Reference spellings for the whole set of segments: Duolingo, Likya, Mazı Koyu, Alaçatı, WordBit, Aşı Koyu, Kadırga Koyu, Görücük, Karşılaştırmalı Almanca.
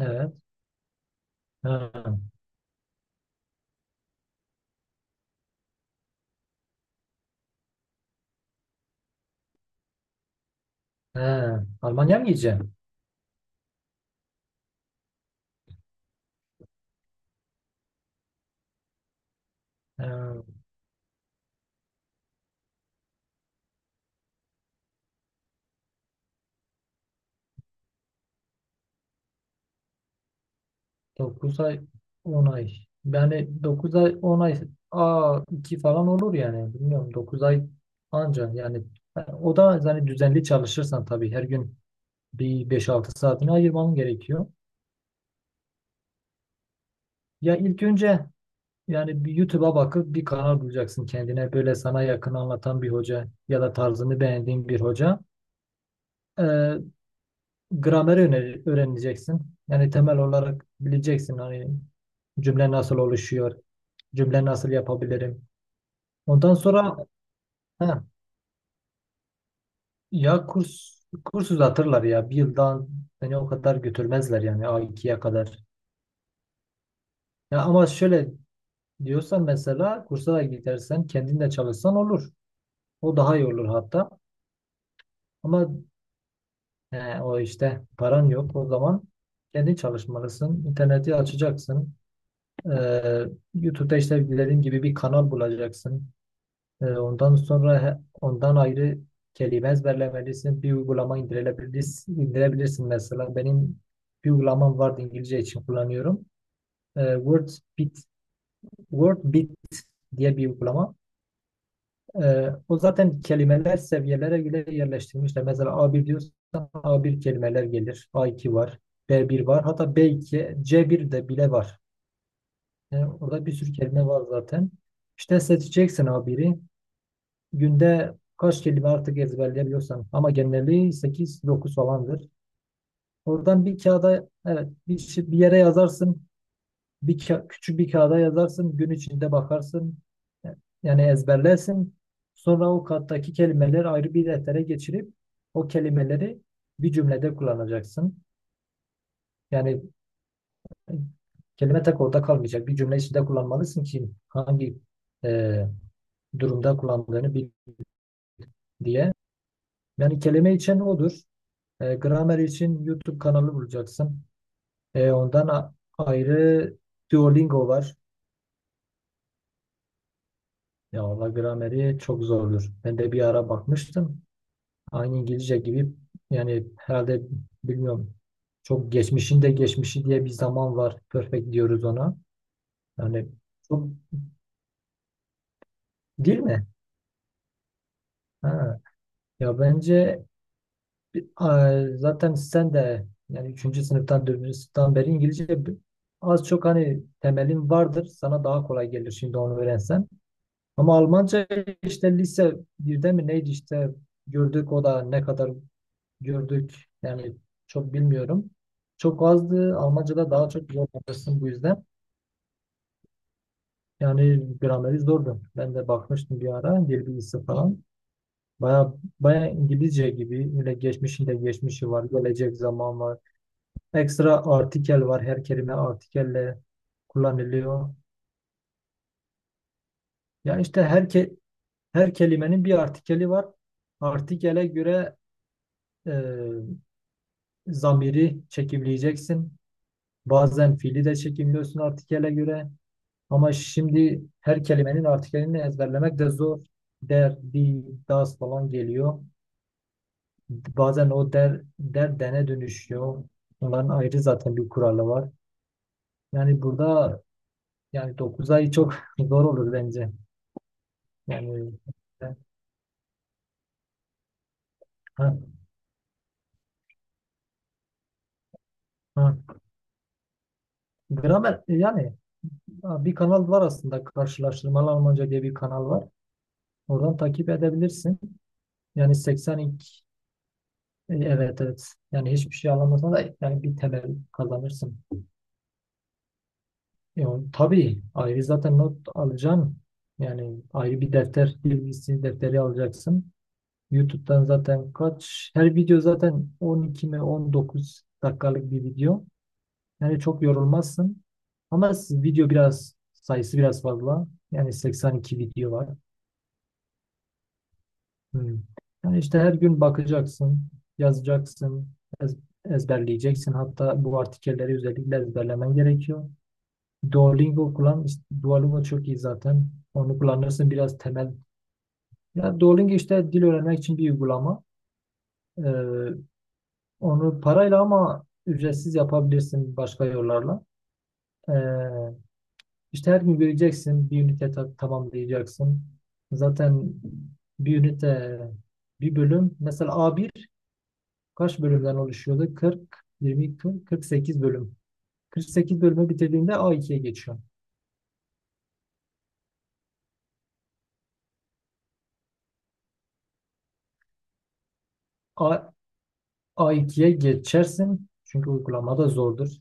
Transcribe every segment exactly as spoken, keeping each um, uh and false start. Evet. Ha. Ha. Almanya mı gideceğim? Ha. dokuz ay on ay. Yani dokuz ay on ay a iki falan olur yani. Bilmiyorum. Dokuz ay anca yani, o da yani düzenli çalışırsan tabii her gün bir beş altı saatini ayırman gerekiyor. Ya ilk önce yani bir YouTube'a bakıp bir kanal bulacaksın kendine, böyle sana yakın anlatan bir hoca ya da tarzını beğendiğin bir hoca. Ee, gramer öne- öğreneceksin. Yani temel olarak bileceksin hani cümle nasıl oluşuyor, cümle nasıl yapabilirim. Ondan sonra ha, ya kurs, kurs uzatırlar ya bir yıldan seni o kadar götürmezler yani A iki'ye kadar. Ya ama şöyle diyorsan mesela kursa da gidersen kendin de çalışsan olur. O daha iyi olur hatta. Ama e, o işte paran yok, o zaman kendin çalışmalısın. İnterneti açacaksın. Ee, YouTube'da işte dediğim gibi bir kanal bulacaksın. Ee, ondan sonra he- ondan ayrı kelime ezberlemelisin. Bir uygulama indirebilirsin, indirebilirsin mesela. Benim bir uygulamam vardı, İngilizce için kullanıyorum. Ee, WordBit. WordBit diye bir uygulama. Ee, o zaten kelimeler seviyelere göre yerleştirilmişler. Mesela a bir diyorsan a bir kelimeler gelir. A iki var. B bir var. Hatta b iki, c bir de bile var. Yani orada bir sürü kelime var zaten. İşte seçeceksin A bir'i. Günde kaç kelime artık ezberleyebiliyorsan. Ama genelliği sekiz dokuz falandır. Oradan bir kağıda, evet, bir, şey- bir yere yazarsın. Bir ka- küçük bir kağıda yazarsın. Gün içinde bakarsın. Yani ezberlersin. Sonra o kattaki kelimeleri ayrı bir deftere geçirip o kelimeleri bir cümlede kullanacaksın. Yani kelime tek orada kalmayacak. Bir cümle içinde kullanmalısın ki hangi e, durumda kullandığını bil diye. Yani kelime için odur. E, gramer için YouTube kanalı bulacaksın. E, ondan ayrı Duolingo var. Ya valla grameri çok zordur. Ben de bir ara bakmıştım. Aynı İngilizce gibi yani herhalde, bilmiyorum. Çok geçmişin de geçmişi diye bir zaman var. Perfect diyoruz ona. Yani çok, değil mi? Ha. Ya bence Bir- a- zaten sen de yani üçüncü sınıftan dördüncü sınıftan beri İngilizce bi- az çok hani temelin vardır. Sana daha kolay gelir şimdi onu öğrensen. Ama Almanca işte lise birde mi neydi işte gördük, o da ne kadar gördük yani çok bilmiyorum. Çok azdı. Almanca'da daha çok zorlanırsın bu yüzden. Yani grameri zordu. Ben de bakmıştım bir ara dil bilgisi falan. Baya baya İngilizce gibi, öyle geçmişinde geçmişi var, gelecek zaman var. Ekstra artikel var. Her kelime artikelle kullanılıyor. Yani işte her ke- her kelimenin bir artikeli var. Artikele göre e, zamiri çekimleyeceksin. Bazen fiili de çekimliyorsun artikele göre. Ama şimdi her kelimenin artikelini ezberlemek de zor. Der, di, das falan geliyor. Bazen o der, der dene dönüşüyor. Onların ayrı zaten bir kuralı var. Yani burada yani dokuz ay çok zor olur bence. Yani e, ha, ha. Gramer yani ha, bir kanal var aslında, Karşılaştırmalı Almanca diye bir kanal var. Oradan takip edebilirsin. Yani seksen iki, e, evet, evet. Yani hiçbir şey anlamasan da yani bir temel kazanırsın. Yani, tabii ayrı zaten not alacaksın. Yani ayrı bir defter, dil bilgisi defteri alacaksın. YouTube'dan zaten kaç her video zaten on iki mi on dokuz dakikalık bir video. Yani çok yorulmazsın. Ama s- video biraz sayısı biraz fazla. Yani seksen iki video var. Hmm. Yani işte her gün bakacaksın, yazacaksın, ez- ezberleyeceksin. Hatta bu artikelleri özellikle ezberlemen gerekiyor. Duolingo kullan. İşte Duolingo çok iyi zaten. Onu kullanırsın biraz temel. Ya Duolingo işte dil öğrenmek için bir uygulama. Ee, Onu parayla, ama ücretsiz yapabilirsin başka yollarla. Ee, İşte her gün göreceksin, bir ünite ta- tamamlayacaksın. Zaten bir ünite, bir bölüm. Mesela A bir kaç bölümden oluşuyordu? kırk, yirmi, kırk, kırk sekiz bölüm. kırk sekiz bölümü bitirdiğinde A iki'ye geçiyorsun. A, A2'ye geçersin. Çünkü uygulamada zordur.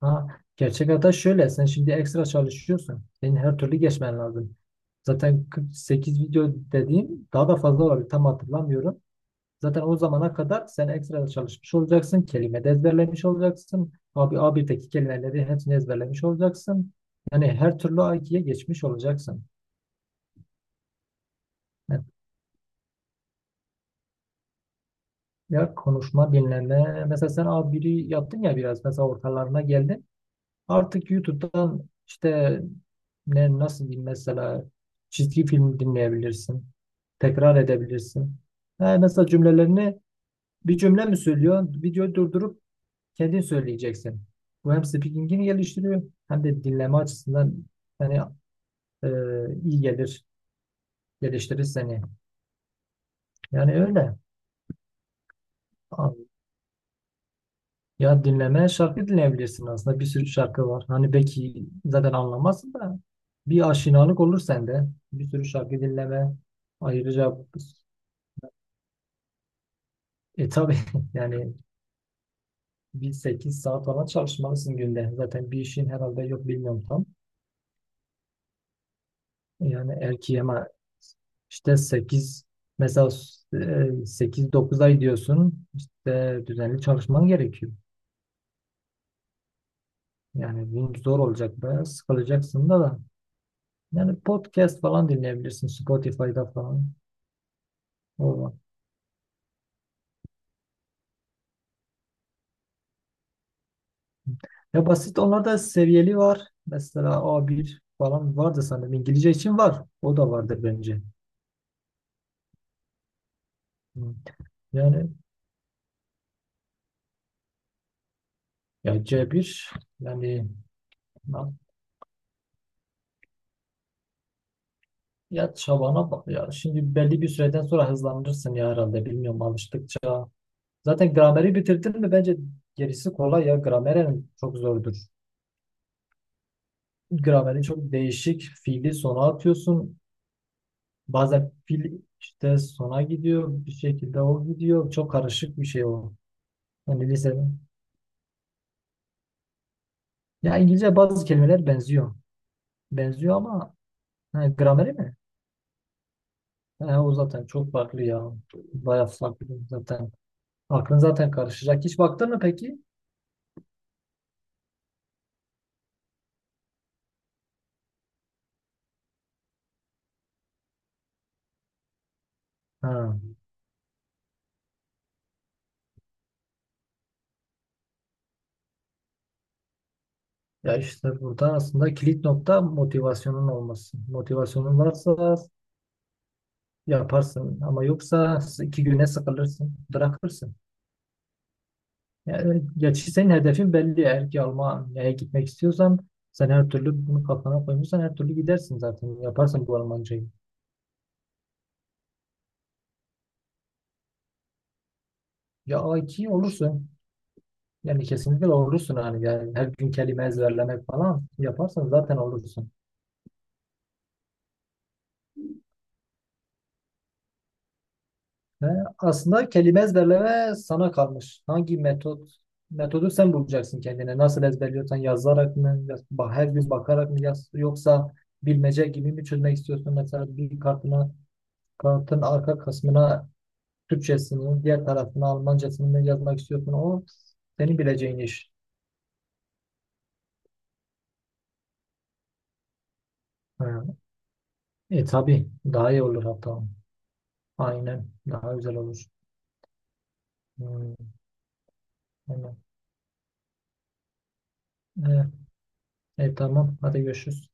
Ha, gerçek hata şöyle. Sen şimdi ekstra çalışıyorsun. Senin her türlü geçmen lazım. Zaten kırk sekiz video dediğim daha da fazla olabilir. Tam hatırlamıyorum. Zaten o zamana kadar sen ekstra çalışmış olacaksın. Kelime de ezberlemiş olacaksın. Abi A bir'deki kelimeleri hepsini ezberlemiş olacaksın. Yani her türlü A iki'ye geçmiş olacaksın. Evet. Ya konuşma, dinleme. Mesela sen A bir'i yaptın ya biraz. Mesela ortalarına geldin. Artık YouTube'dan işte ne, nasıl diyeyim, mesela çizgi film dinleyebilirsin. Tekrar edebilirsin. Ha, mesela cümlelerini, bir cümle mi söylüyor? Videoyu durdurup kendin söyleyeceksin. Bu hem speaking'ini geliştiriyor hem de dinleme açısından yani e, iyi gelir, geliştirir seni. Yani öyle. A- Ya dinleme, şarkı dinleyebilirsin aslında. Bir sürü şarkı var. Hani belki zaten anlamazsın da bir aşinalık olur sende. Bir sürü şarkı dinleme. Ayrıca e tabii yani bir sekiz saat falan çalışmalısın günde. Zaten bir işin herhalde yok, bilmiyorum tam. Yani erkeği ama işte sekiz mesela, e, sekiz dokuz ay diyorsun işte düzenli çalışman gerekiyor. Yani bu zor olacak, bayağı sıkılacaksın da da. Yani podcast falan dinleyebilirsin Spotify'da falan. O var. Ya basit onlarda seviyeli var. Mesela A bir falan vardı sanırım. İngilizce için var. O da vardır bence. Hı. Yani ya C bir, yani ya çabana bak ya. Şimdi belli bir süreden sonra hızlanırsın ya, herhalde. Bilmiyorum, alıştıkça. Zaten grameri bitirdin mi bence gerisi kolay ya. Grameren çok zordur. Grameri çok değişik. Fiili sona atıyorsun. Bazen fiil işte sona gidiyor. Bir şekilde o gidiyor. Çok karışık bir şey o. Hani lisede. Ya İngilizce bazı kelimeler benziyor. Benziyor ama ha, grameri mi? Ha, o zaten çok farklı ya. Bayağı farklı zaten. Aklın zaten karışacak. Hiç baktın mı peki? Ha. Ya işte burada aslında kilit nokta motivasyonun olması. Motivasyonun varsa yaparsın ama yoksa iki güne sıkılırsın, bırakırsın. Yani gerçi senin hedefin belli. Eğer ki Almanya'ya gitmek istiyorsan sen her türlü bunu kafana koymuşsan her türlü gidersin zaten. Yaparsın bu Almancayı. Ya A iki olursun. Yani kesinlikle olursun hani yani her gün kelime ezberlemek falan yaparsan zaten olursun. He, aslında kelime ezberleme sana kalmış. Hangi metot metodu sen bulacaksın kendine. Nasıl ezberliyorsan, yazarak mı, yaz- ba- her gün bakarak mı, yaz, yoksa bilmece gibi mi çözmek istiyorsun? Mesela bir kartına, kartın arka kısmına Türkçesini, diğer tarafına Almancasını mı yazmak istiyorsun? O senin bileceğin iş. He. E tabii daha iyi olur hatta. Aynen daha güzel olur. Hmm, aynen. E, e tamam, hadi görüşürüz.